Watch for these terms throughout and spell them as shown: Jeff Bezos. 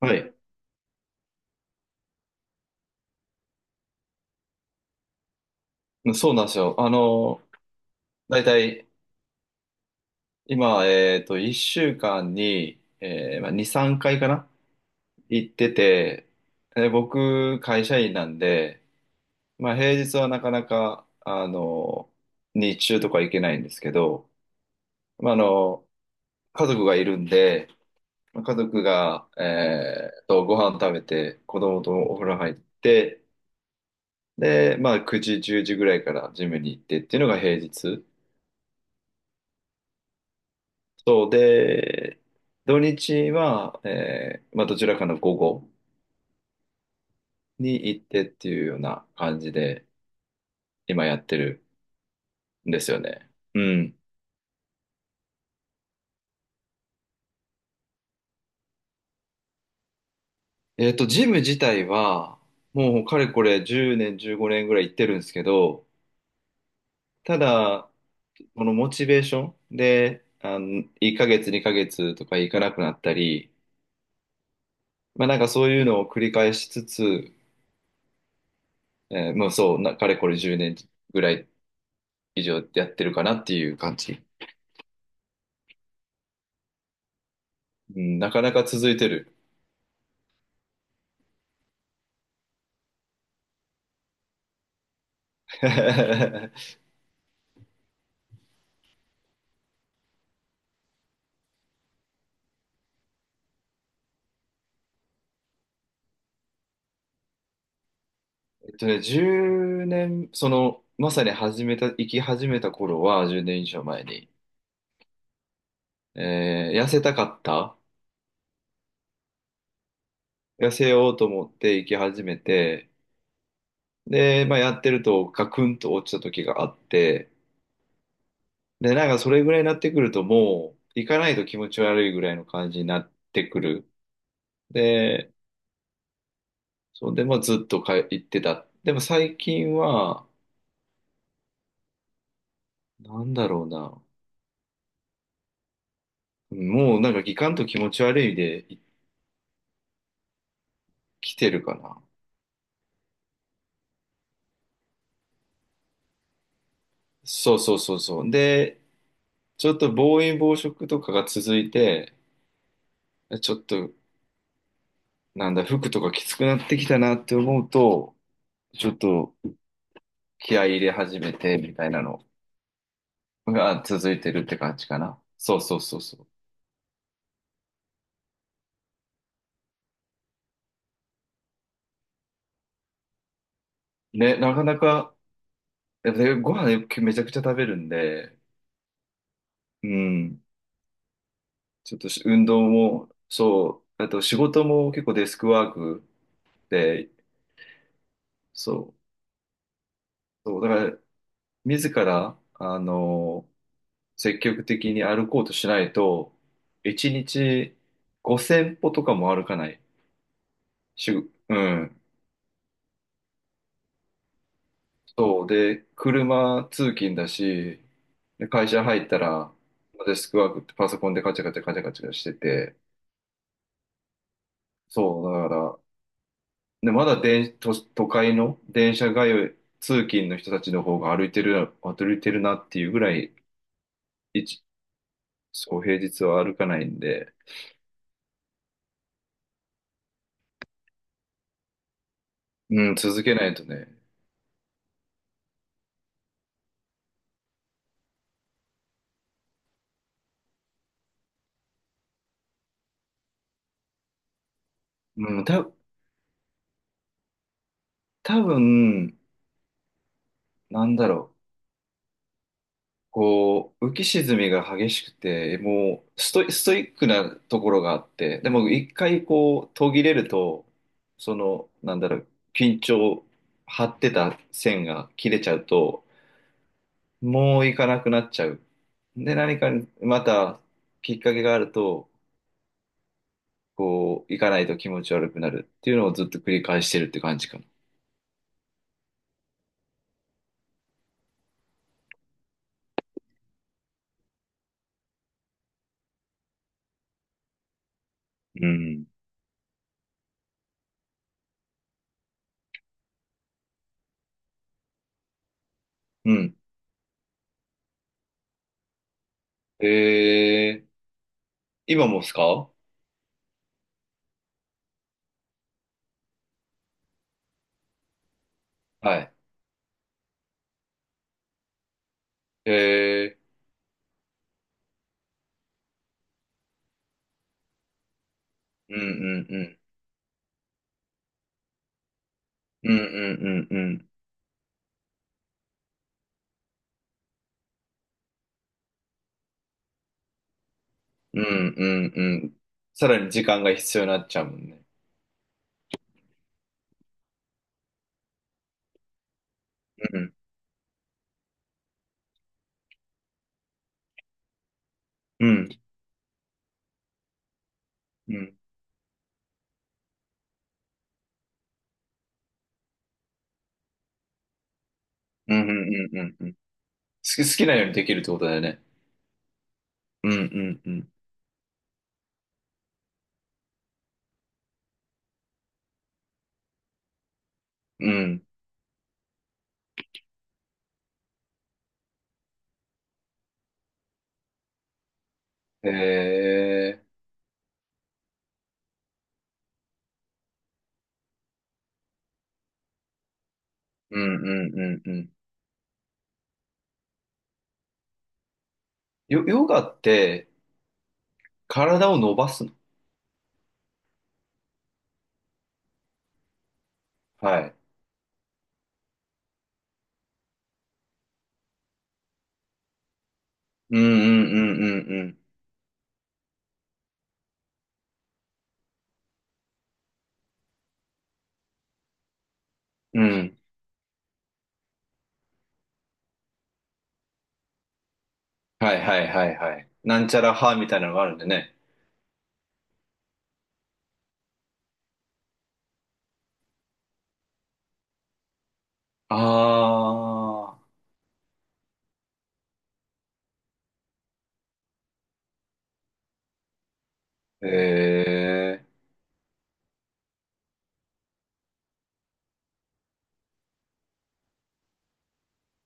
はい。そうなんですよ。だいたい今、1週間に、まあ、2、3回かな行ってて、で僕、会社員なんで、まあ、平日はなかなか、日中とか行けないんですけど、まあ、家族がいるんで、まあ家族が、ご飯食べて、子供とお風呂入って、で、まあ、9時、10時ぐらいからジムに行ってっていうのが平日。そうで、土日は、まあ、どちらかの午後に行ってっていうような感じで今やってるんですよね。うん。ジム自体は、もうかれこれ10年、15年ぐらい行ってるんですけど、ただ、このモチベーションで、1ヶ月、2ヶ月とか行かなくなったり、まあなんかそういうのを繰り返しつつ、もうそう、かれこれ10年ぐらい以上やってるかなっていう感じ。うん、なかなか続いてる。え1年、その、まさに始めた、生き始めた頃は、10年以上前に、痩せたかった。痩せようと思って生き始めて、で、まあ、やってるとガクンと落ちた時があって、で、なんかそれぐらいになってくるともう、行かないと気持ち悪いぐらいの感じになってくる。で、そんで、まあ、ずっとか行ってた。でも最近は、なんだろうな。もうなんかギカンと気持ち悪いで来てるかな。そうそうそうそう。で、ちょっと暴飲暴食とかが続いて、ちょっとなんだ、服とかきつくなってきたなって思うと、ちょっと気合い入れ始めてみたいなのが続いてるって感じかな。そうそうそうそう。ね、なかなか、やっぱりご飯めちゃくちゃ食べるんで、うん、ちょっと運動も、そう、あと仕事も結構デスクワークで、そう。そう、だから自ら、積極的に歩こうとしないと、1日5000歩とかも歩かない。うん。そうで、車通勤だし、で会社入ったら、デスクワークってパソコンでカチャカチャカチャカチャしてて、そう、だから、で、まだ都会の電車通い、通勤の人たちの方が歩いてる、歩いてるなっていうぐらい、一そう、平日は歩かないんで、うん、続けないとね、うん、多分、なんだろう。こう、浮き沈みが激しくて、もうストイックなところがあって、でも一回こう、途切れると、その、なんだろう、緊張、張ってた線が切れちゃうと、もう行かなくなっちゃう。で、何かまたきっかけがあると、こう、行かないと気持ち悪くなるっていうのをずっと繰り返してるって感じかも。うん。うん。えー、今もっすか？はい。えーうんうんうん。うんうんうんうん。うんうんうん。さらに時間が必要になっちゃうもんね。うん。うん。うん。うんうんうんうん。好きなようにできるってことだよね。うんうんうん。うん。へえ。うんうんうんうん。ヨガって体を伸ばすの？はい。うんうんうんうんうん。うん。はいはいはいはい。なんちゃら派みたいなのがあるんでね。ああ。へえ。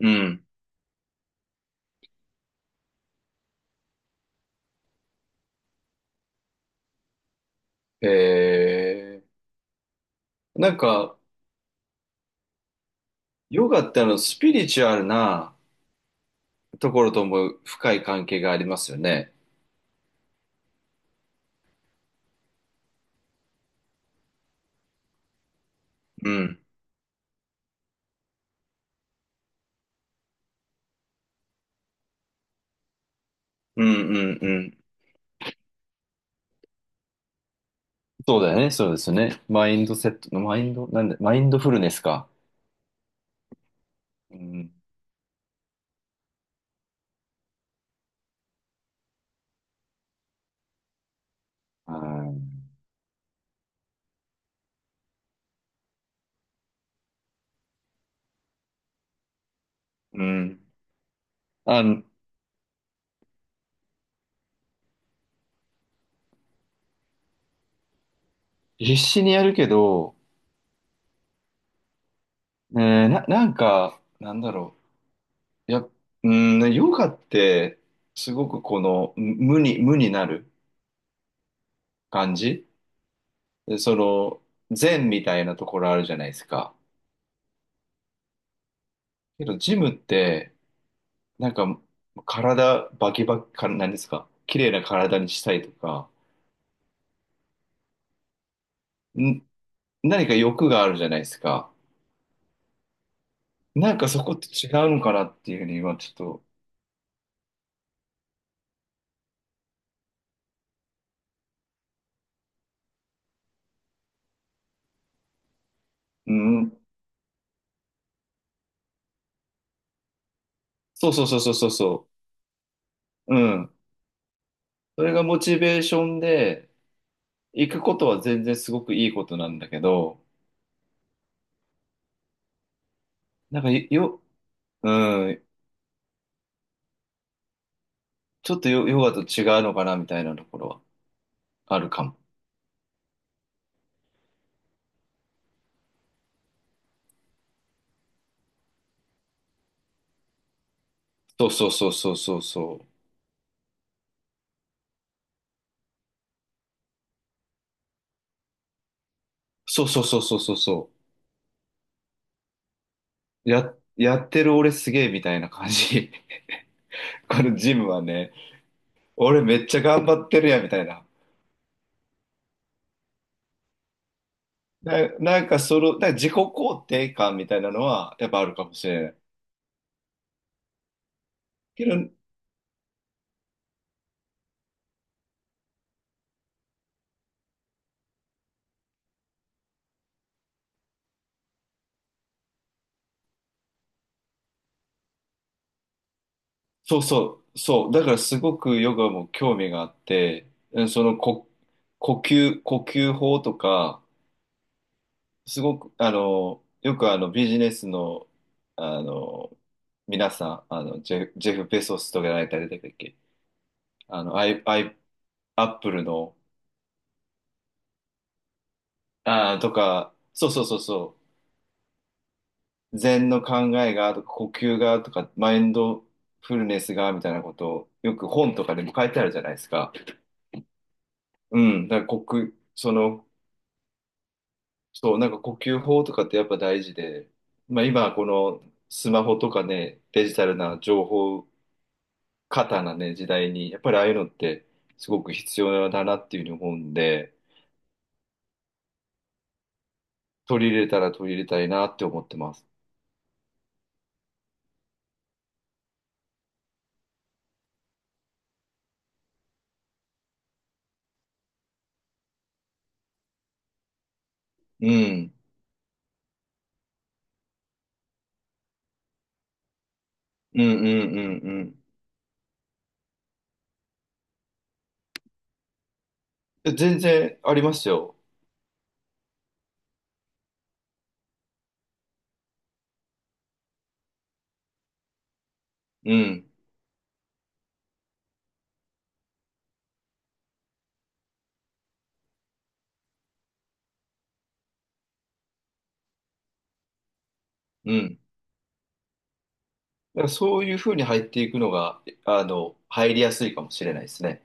うん。へえ。なんか、ヨガってスピリチュアルなところとも深い関係がありますよね。うん。うんうんうん。そうだよね、そうですよね。マインド、なんで、マインドフルネスか。うん。はい。うん。あの、必死にやるけど、えなんか、なんだろう。うん、ねヨガって、すごくこの、無になる感じ。でその、禅みたいなところあるじゃないですか。けど、ジムって、なんか、体、バキバキ、何ですか？綺麗な体にしたいとか、ん、何か欲があるじゃないですか。なんかそこって違うのかなっていうふうに今ちょっと、うん、そうそうそうそうそうそう、うん。それがモチベーションで、行くことは全然すごくいいことなんだけど、なんかうん、ちょっとヨガと違うのかなみたいなところはあるかも。そうそうそうそうそうそう。そうそうそうそうそうそう。やってる俺すげえみたいな感じ。このジムはね、俺めっちゃ頑張ってるやんみたいな。なんかその、なんか自己肯定感みたいなのはやっぱあるかもしれない。けど、そうそう、そう。だからすごくヨガも興味があって、うんそのこ、呼吸法とか、すごく、よくビジネスの、あの、皆さん、ジェフ・ベソスとかやられたりだっけ？あの、アイ、アイ、アップルの、とか、そうそうそうそう。禅の考えがとか呼吸がとかマインドフルネスがみたいなことをよく本とかでも書いてあるじゃないですか。うん。だからその、そう、なんか呼吸法とかってやっぱ大事で、まあ今このスマホとかね、デジタルな情報過多なね、時代に、やっぱりああいうのってすごく必要だなっていうふうに思うんで、取り入れたら取り入れたいなって思ってます。うん。うんうんうんうん。全然ありますよ。うん。うん。だからそういうふうに入っていくのが、入りやすいかもしれないですね。